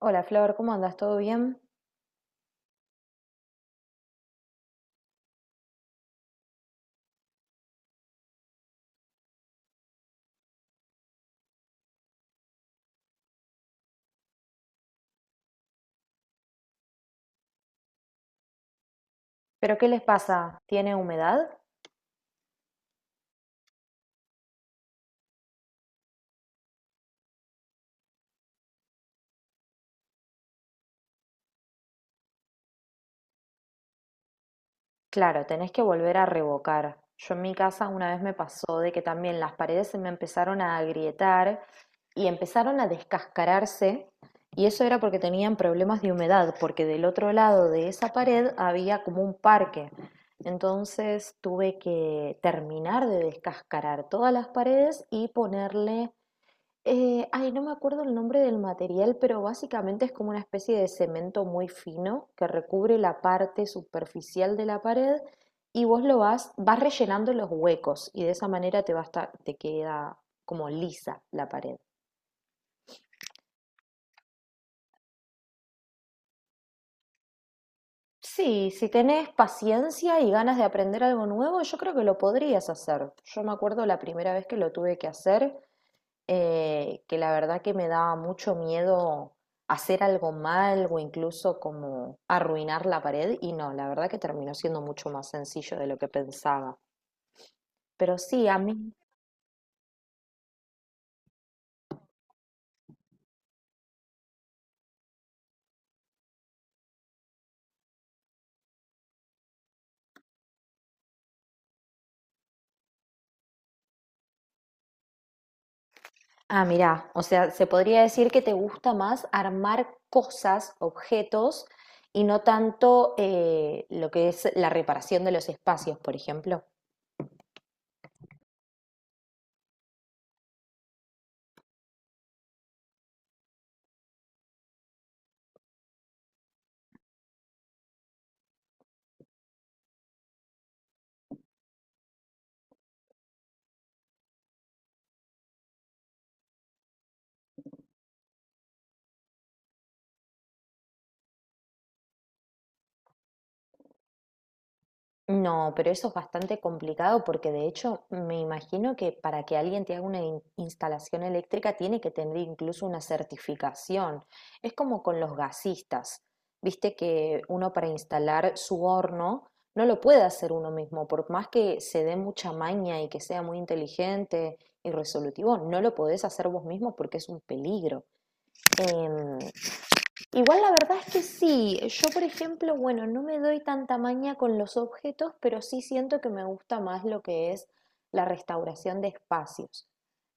Hola Flor, ¿cómo andas? ¿Todo bien? ¿Pero qué les pasa? ¿Tiene humedad? Claro, tenés que volver a revocar. Yo en mi casa una vez me pasó de que también las paredes se me empezaron a agrietar y empezaron a descascararse y eso era porque tenían problemas de humedad, porque del otro lado de esa pared había como un parque. Entonces tuve que terminar de descascarar todas las paredes y ponerle no me acuerdo el nombre del material, pero básicamente es como una especie de cemento muy fino que recubre la parte superficial de la pared y vos lo vas, rellenando los huecos y de esa manera te va a estar- te queda como lisa la pared. Sí, si tenés paciencia y ganas de aprender algo nuevo, yo creo que lo podrías hacer. Yo me acuerdo la primera vez que lo tuve que hacer, que la verdad que me daba mucho miedo hacer algo mal o incluso como arruinar la pared y no, la verdad que terminó siendo mucho más sencillo de lo que pensaba. Pero sí, a mí, ah, mirá, o sea, se podría decir que te gusta más armar cosas, objetos y no tanto lo que es la reparación de los espacios, por ejemplo. No, pero eso es bastante complicado porque de hecho me imagino que para que alguien te haga una instalación eléctrica tiene que tener incluso una certificación. Es como con los gasistas. Viste que uno para instalar su horno no lo puede hacer uno mismo, por más que se dé mucha maña y que sea muy inteligente y resolutivo, no lo podés hacer vos mismo porque es un peligro. Em, Igual la verdad es que sí, yo por ejemplo, bueno, no me doy tanta maña con los objetos, pero sí siento que me gusta más lo que es la restauración de espacios.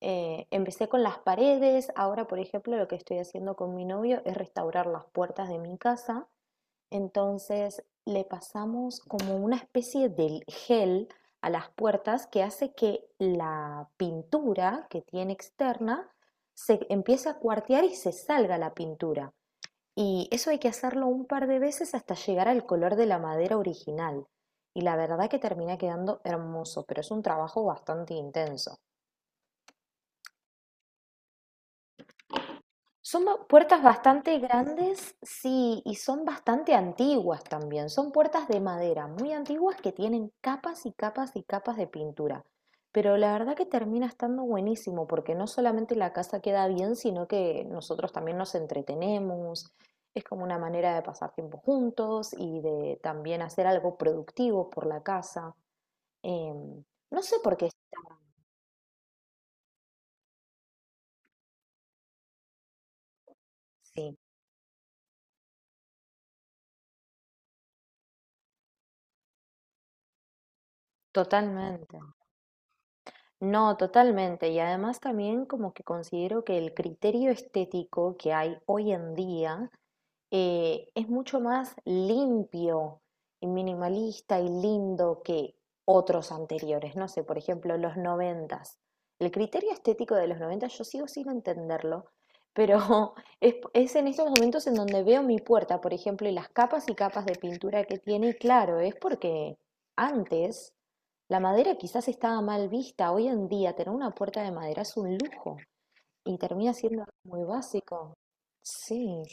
Empecé con las paredes, ahora por ejemplo lo que estoy haciendo con mi novio es restaurar las puertas de mi casa, entonces le pasamos como una especie de gel a las puertas que hace que la pintura que tiene externa se empiece a cuartear y se salga la pintura. Y eso hay que hacerlo un par de veces hasta llegar al color de la madera original. Y la verdad que termina quedando hermoso, pero es un trabajo bastante intenso. Puertas bastante grandes, sí, y son bastante antiguas también. Son puertas de madera, muy antiguas que tienen capas y capas y capas de pintura. Pero la verdad que termina estando buenísimo porque no solamente la casa queda bien, sino que nosotros también nos entretenemos. Es como una manera de pasar tiempo juntos y de también hacer algo productivo por la casa. Em, no sé por qué está así, totalmente. No, totalmente. Y además también como que considero que el criterio estético que hay hoy en día es mucho más limpio y minimalista y lindo que otros anteriores. No sé, por ejemplo, los noventas. El criterio estético de los noventas yo sigo sin entenderlo, pero es en estos momentos en donde veo mi puerta, por ejemplo, y las capas y capas de pintura que tiene. Y claro, es porque antes la madera quizás estaba mal vista. Hoy en día tener una puerta de madera es un lujo y termina siendo muy básico. Sí.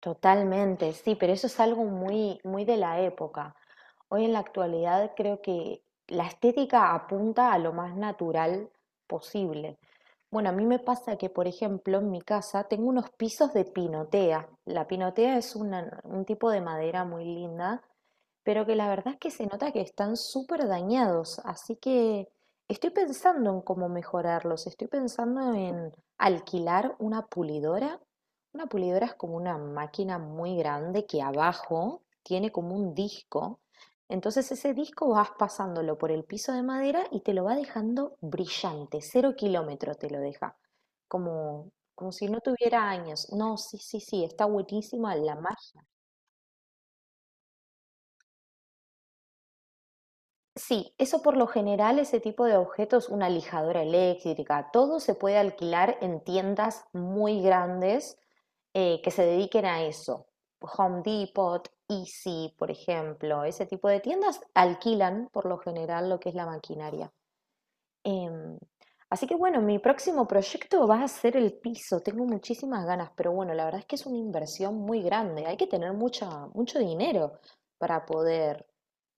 Totalmente, sí, pero eso es algo muy, muy de la época. Hoy en la actualidad creo que la estética apunta a lo más natural posible. Bueno, a mí me pasa que, por ejemplo, en mi casa tengo unos pisos de pinotea. La pinotea es un tipo de madera muy linda pero que la verdad es que se nota que están súper dañados, así que estoy pensando en cómo mejorarlos, estoy pensando en alquilar una pulidora. Una pulidora es como una máquina muy grande que abajo tiene como un disco, entonces ese disco vas pasándolo por el piso de madera y te lo va dejando brillante, cero kilómetro te lo deja, como, como si no tuviera años. No, sí, sí, sí, está buenísima la Sí, eso por lo general, ese tipo de objetos, una lijadora eléctrica, todo se puede alquilar en tiendas muy grandes que se dediquen a eso. Home Depot, Easy, por ejemplo, ese tipo de tiendas alquilan por lo general lo que es la maquinaria. Em, Así que bueno, mi próximo proyecto va a ser el piso. Tengo muchísimas ganas, pero bueno, la verdad es que es una inversión muy grande. Hay que tener mucha, mucho dinero para poder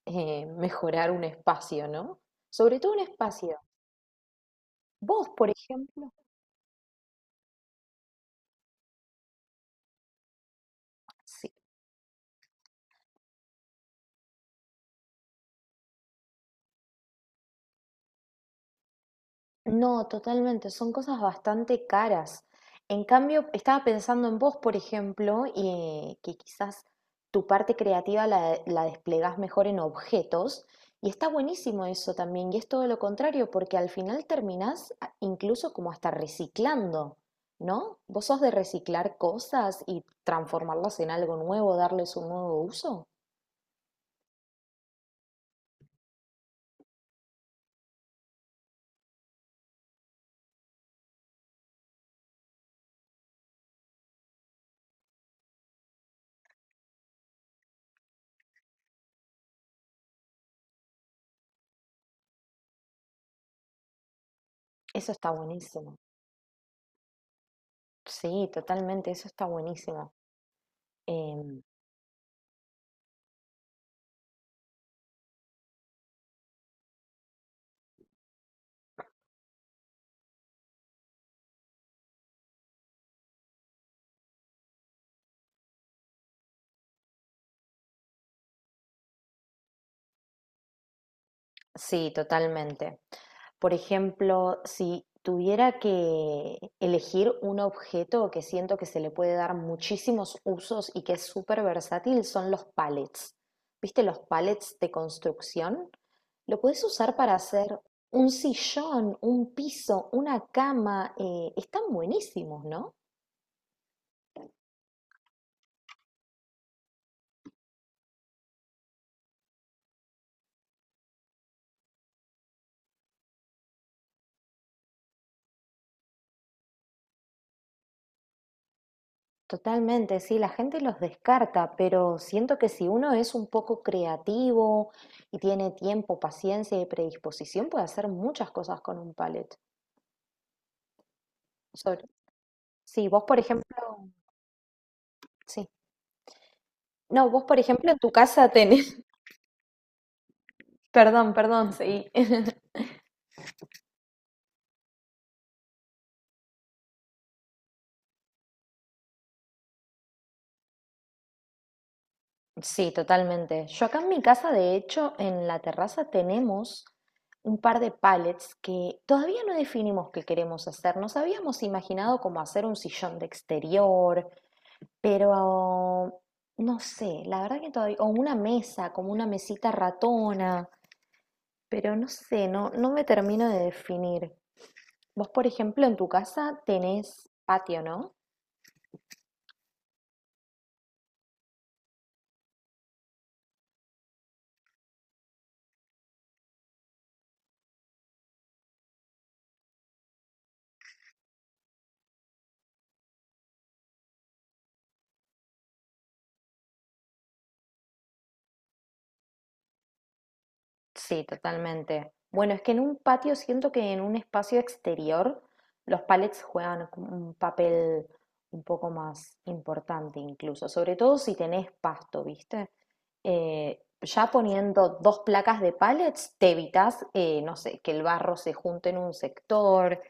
mejorar un espacio, ¿no? Sobre todo un espacio. Vos, por ejemplo, sí. No, totalmente, son cosas bastante caras. En cambio, estaba pensando en vos, por ejemplo, y que quizás tu parte creativa la desplegás mejor en objetos, y está buenísimo eso también, y es todo lo contrario, porque al final incluso como hasta reciclando, ¿no? ¿Vos sos de reciclar cosas y transformarlas en algo nuevo, darles un nuevo uso? Eso está buenísimo. Sí, totalmente, eso está buenísimo. Em, sí, totalmente. Por ejemplo, si tuviera que elegir un objeto que siento que se le puede dar muchísimos usos y que es súper versátil, son los pallets. ¿Viste los pallets de construcción? Lo puedes usar para hacer un sillón, un piso, una cama. Están buenísimos, ¿no? Totalmente, sí, la gente los descarta, pero siento que si uno es un poco creativo y tiene tiempo, paciencia y predisposición, puede hacer muchas cosas con un palet. Sobre- sí, vos por ejemplo, sí. No, vos por ejemplo en tu casa tenés. Perdón, perdón, sí. Sí, totalmente. Yo acá en mi casa, de hecho, en la terraza tenemos un par de pallets que todavía no definimos qué queremos hacer. Nos habíamos imaginado como hacer un sillón de exterior, pero no sé, la verdad que todavía, o una mesa, como una mesita ratona, pero no sé, no, no me termino de definir. Vos, por ejemplo, en tu casa tenés patio, ¿no? Sí, totalmente. Bueno, es que en un patio siento que en un espacio exterior los palets juegan como un papel un poco más importante incluso, sobre todo si tenés pasto, ¿viste? Ya poniendo dos placas de pallets, te evitas, no sé, que el barro se junte en un sector.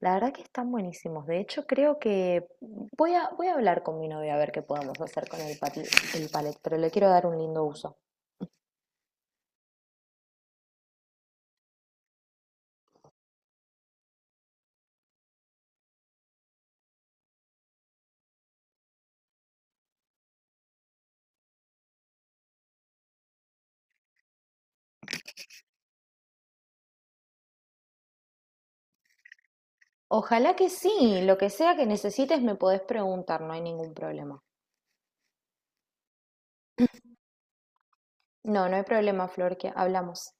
La verdad que están buenísimos. De hecho, creo que voy a hablar con mi novia a ver qué podemos hacer con el palet pero le quiero dar un lindo uso. Ojalá que sí, lo que sea que necesites me podés preguntar, no hay ningún problema. No, no hay problema, Flor, que hablamos.